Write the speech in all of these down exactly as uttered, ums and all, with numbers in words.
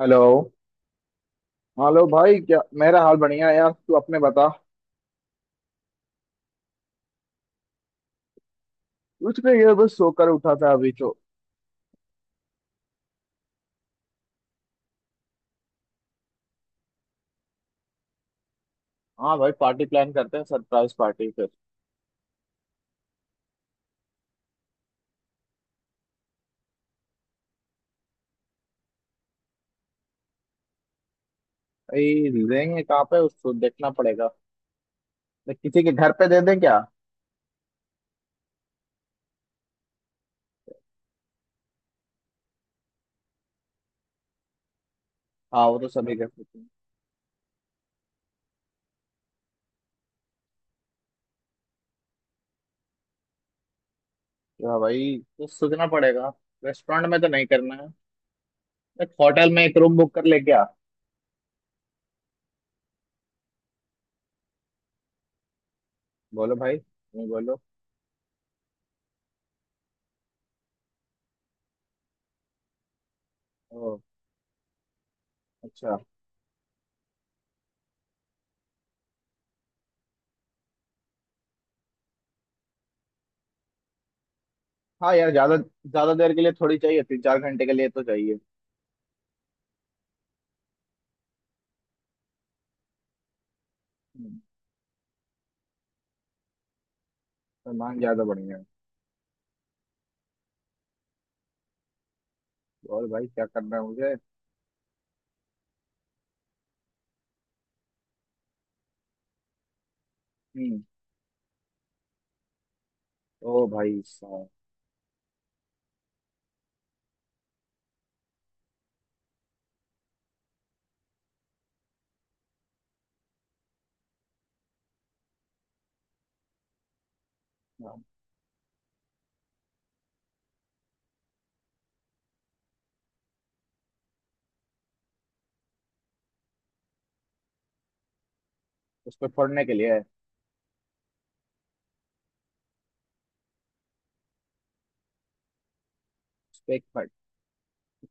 Hello. Hello भाई, क्या मेरा हाल बढ़िया है यार, तू अपने बता। कुछ नहीं यार, बस सोकर उठा था अभी तो। हाँ भाई, पार्टी प्लान करते हैं, सरप्राइज पार्टी फिर। भाई देंगे कहाँ पे उसको देखना पड़ेगा। तो किसी के घर पे दे दें क्या? हाँ, वो तो सभी कर सकते हैं। क्या भाई, तो सोचना पड़ेगा। रेस्टोरेंट में तो नहीं करना है। एक होटल में एक रूम बुक कर ले क्या? बोलो भाई, नहीं बोलो। ओ। अच्छा। हाँ यार, ज्यादा ज्यादा देर के लिए थोड़ी चाहिए, तीन चार घंटे के लिए तो चाहिए। हम्म, सामान ज्यादा बढ़िया है। और भाई क्या करना है मुझे? हम्म। ओ भाई साहब। हाँ, उसको फोड़ने के लिए। उसको एक फट।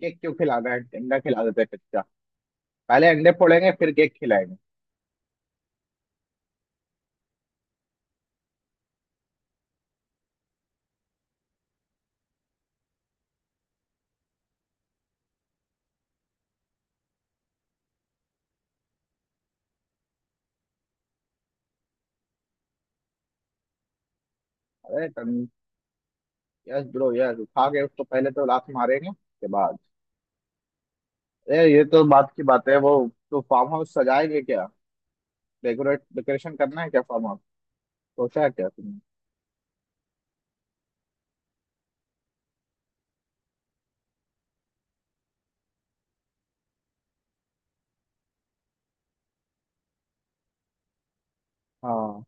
केक क्यों खिला रहा है, अंडा खिला देते हैं कच्चा। पहले अंडे फोड़ेंगे, फिर केक खिलाएंगे। अरे तुम। यस ब्रो, यस, उठा के उसको पहले तो लात मारेंगे के बाद। अरे ये तो बात की बात है वो। तो फार्म हाउस सजाएंगे क्या? डेकोरेट, डेकोरेशन करना है क्या फार्म हाउस? सोचा है क्या तुमने? हाँ।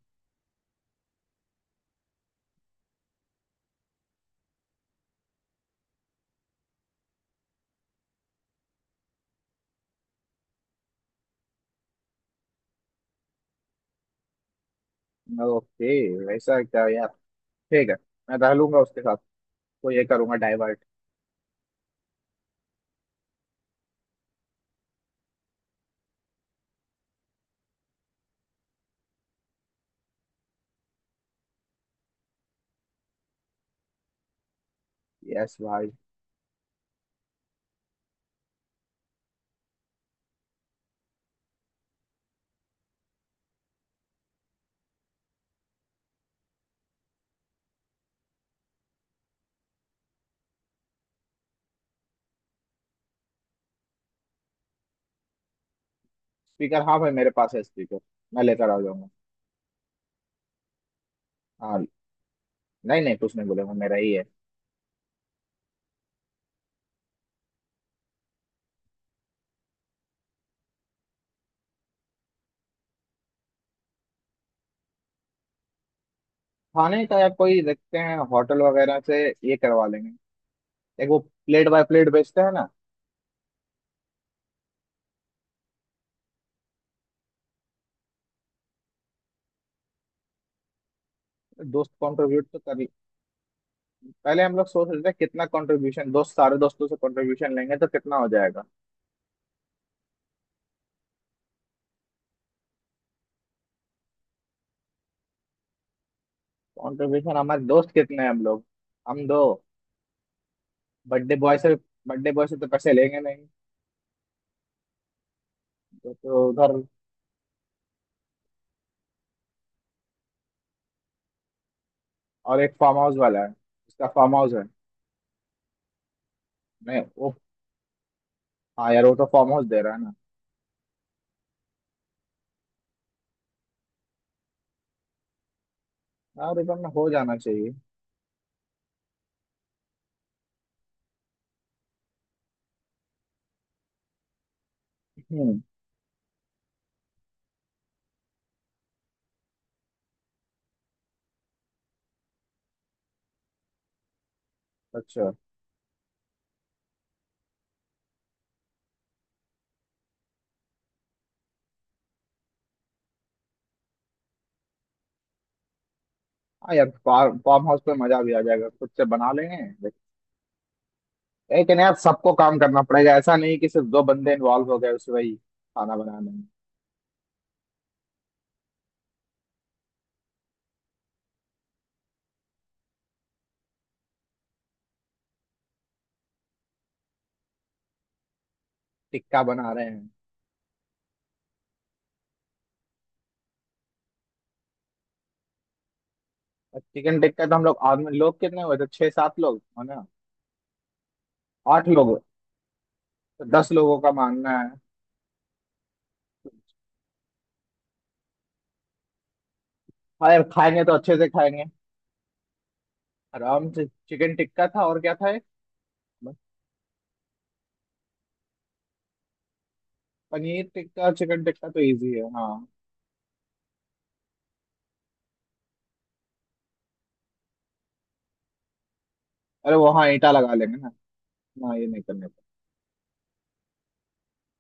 ओके। वैसा क्या यार। ठीक है। मैं टहलूंगा उसके साथ। तो ये करूंगा डाइवर्ट। यस भाई। स्पीकर हाँ भाई मेरे पास है स्पीकर। मैं लेकर आ जाऊंगा। हाँ। नहीं नहीं, कुछ नहीं बोलेगा, मेरा ही है। खाने का? या कोई देखते हैं होटल वगैरह से। ये करवा लेंगे। एक वो प्लेट बाय प्लेट बेचते हैं ना। दोस्त कंट्रीब्यूट तो कर। पहले हम लोग सोच रहे थे कितना कंट्रीब्यूशन दोस्त, सारे दोस्तों से कंट्रीब्यूशन लेंगे तो कितना हो जाएगा। कंट्रीब्यूशन हमारे दोस्त कितने हैं हम लोग। हम दो। बर्थडे बॉय से बर्थडे बॉय से तो पैसे लेंगे नहीं। तो, तो उधर। और एक फार्म हाउस वाला है। उसका फार्म हाउस है। नहीं वो। हाँ यार, वो तो फार्म हाउस दे रहा है ना। यार इधर में हो जाना चाहिए। हम्म। अच्छा। हाँ यार, फार्म फार्म हाउस पे मजा भी आ जाएगा, खुद से बना लेंगे। लेकिन यार सबको काम करना पड़ेगा, ऐसा नहीं कि सिर्फ दो बंदे इन्वॉल्व हो गए उस वही खाना बनाने में। टिक्का बना रहे हैं। चिकन टिक्का तो हम लोग, आदमी लोग कितने हुए थे, छह सात लोग है ना? आठ लोग। तो दस लोगों का मानना है। हाँ यार, खाएंगे तो अच्छे से खाएंगे। आराम से। चिकन टिक्का था और क्या था एक? बस। पनीर टिक्का चिकन टिक्का तो इजी है हाँ। अरे वो हाँ, ईटा लगा लेंगे ना। ना ये नहीं करने का।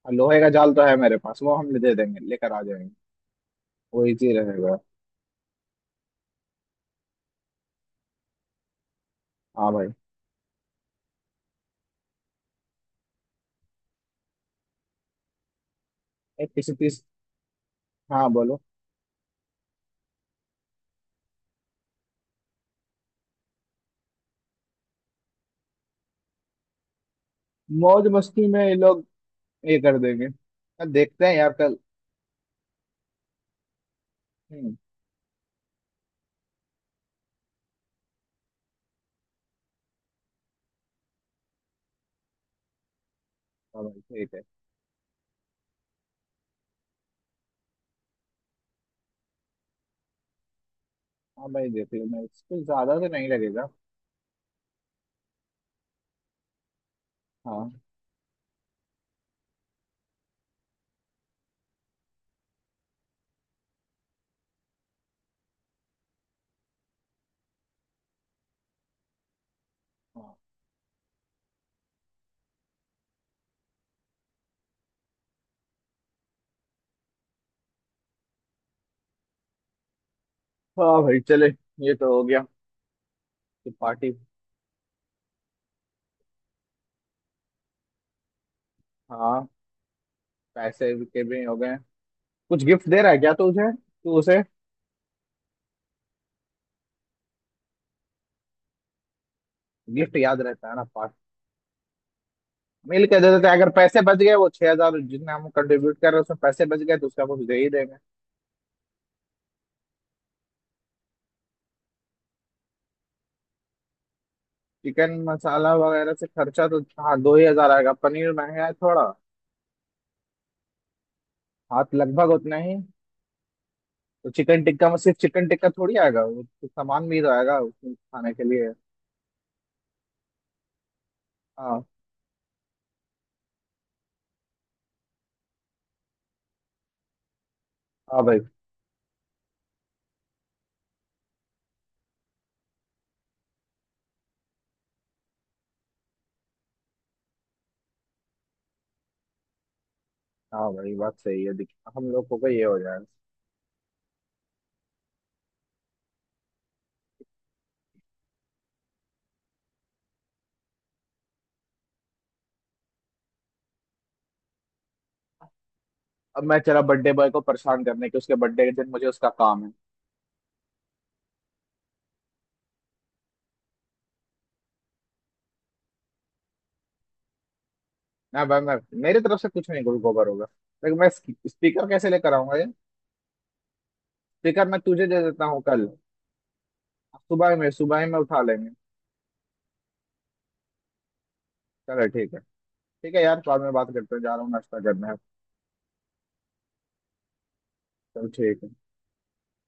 हाँ, लोहे का जाल तो है मेरे पास, वो हम दे देंगे लेकर आ जाएंगे। वो इजी रहेगा। हाँ भाई। एक किसी तीस हाँ बोलो। मौज मस्ती में ये लोग ये कर देंगे। हाँ, देखते हैं यार कल। हम्म। हाँ भाई ठीक है। हाँ भाई देख लो, मैं इसको ज्यादा तो नहीं लगेगा। हाँ। हाँ हाँ भाई चले। ये तो हो गया, कि पार्टी। हाँ। पैसे के भी हो गए। कुछ गिफ्ट दे रहा है क्या तू उसे तू उसे। गिफ्ट याद रहता है ना पार्ट। मिल के दे देते हैं। अगर पैसे बच गए, वो छह हजार जितने हम कंट्रीब्यूट कर रहे हैं उसमें पैसे बच गए तो उसका कुछ दे ही देंगे। चिकन मसाला वगैरह से खर्चा तो हाँ दो ही हजार आएगा, पनीर महंगा है थोड़ा। हाँ तो लगभग उतना ही। तो चिकन टिक्का में सिर्फ चिकन टिक्का थोड़ी आएगा, वो तो सामान भी तो आएगा उसमें खाने के लिए। हाँ। हाँ भाई। हाँ भाई बात सही है दिख। हम लोग को भी ये हो जाएगा। अब मैं चला बर्थडे बॉय को परेशान करने, के उसके बर्थडे के दिन मुझे उसका काम है। ना भाई मैं। मेरी तरफ से कुछ नहीं गो- गोबर होगा। लेकिन मैं। स्पीकर कैसे लेकर आऊंगा ये? स्पीकर मैं तुझे दे देता हूँ कल। सुबह में सुबह में उठा लेंगे। चलो ठीक है। ठीक है यार, बाद में बात करते हैं, जा रहा हूँ नाश्ता करने। चलो ठीक है।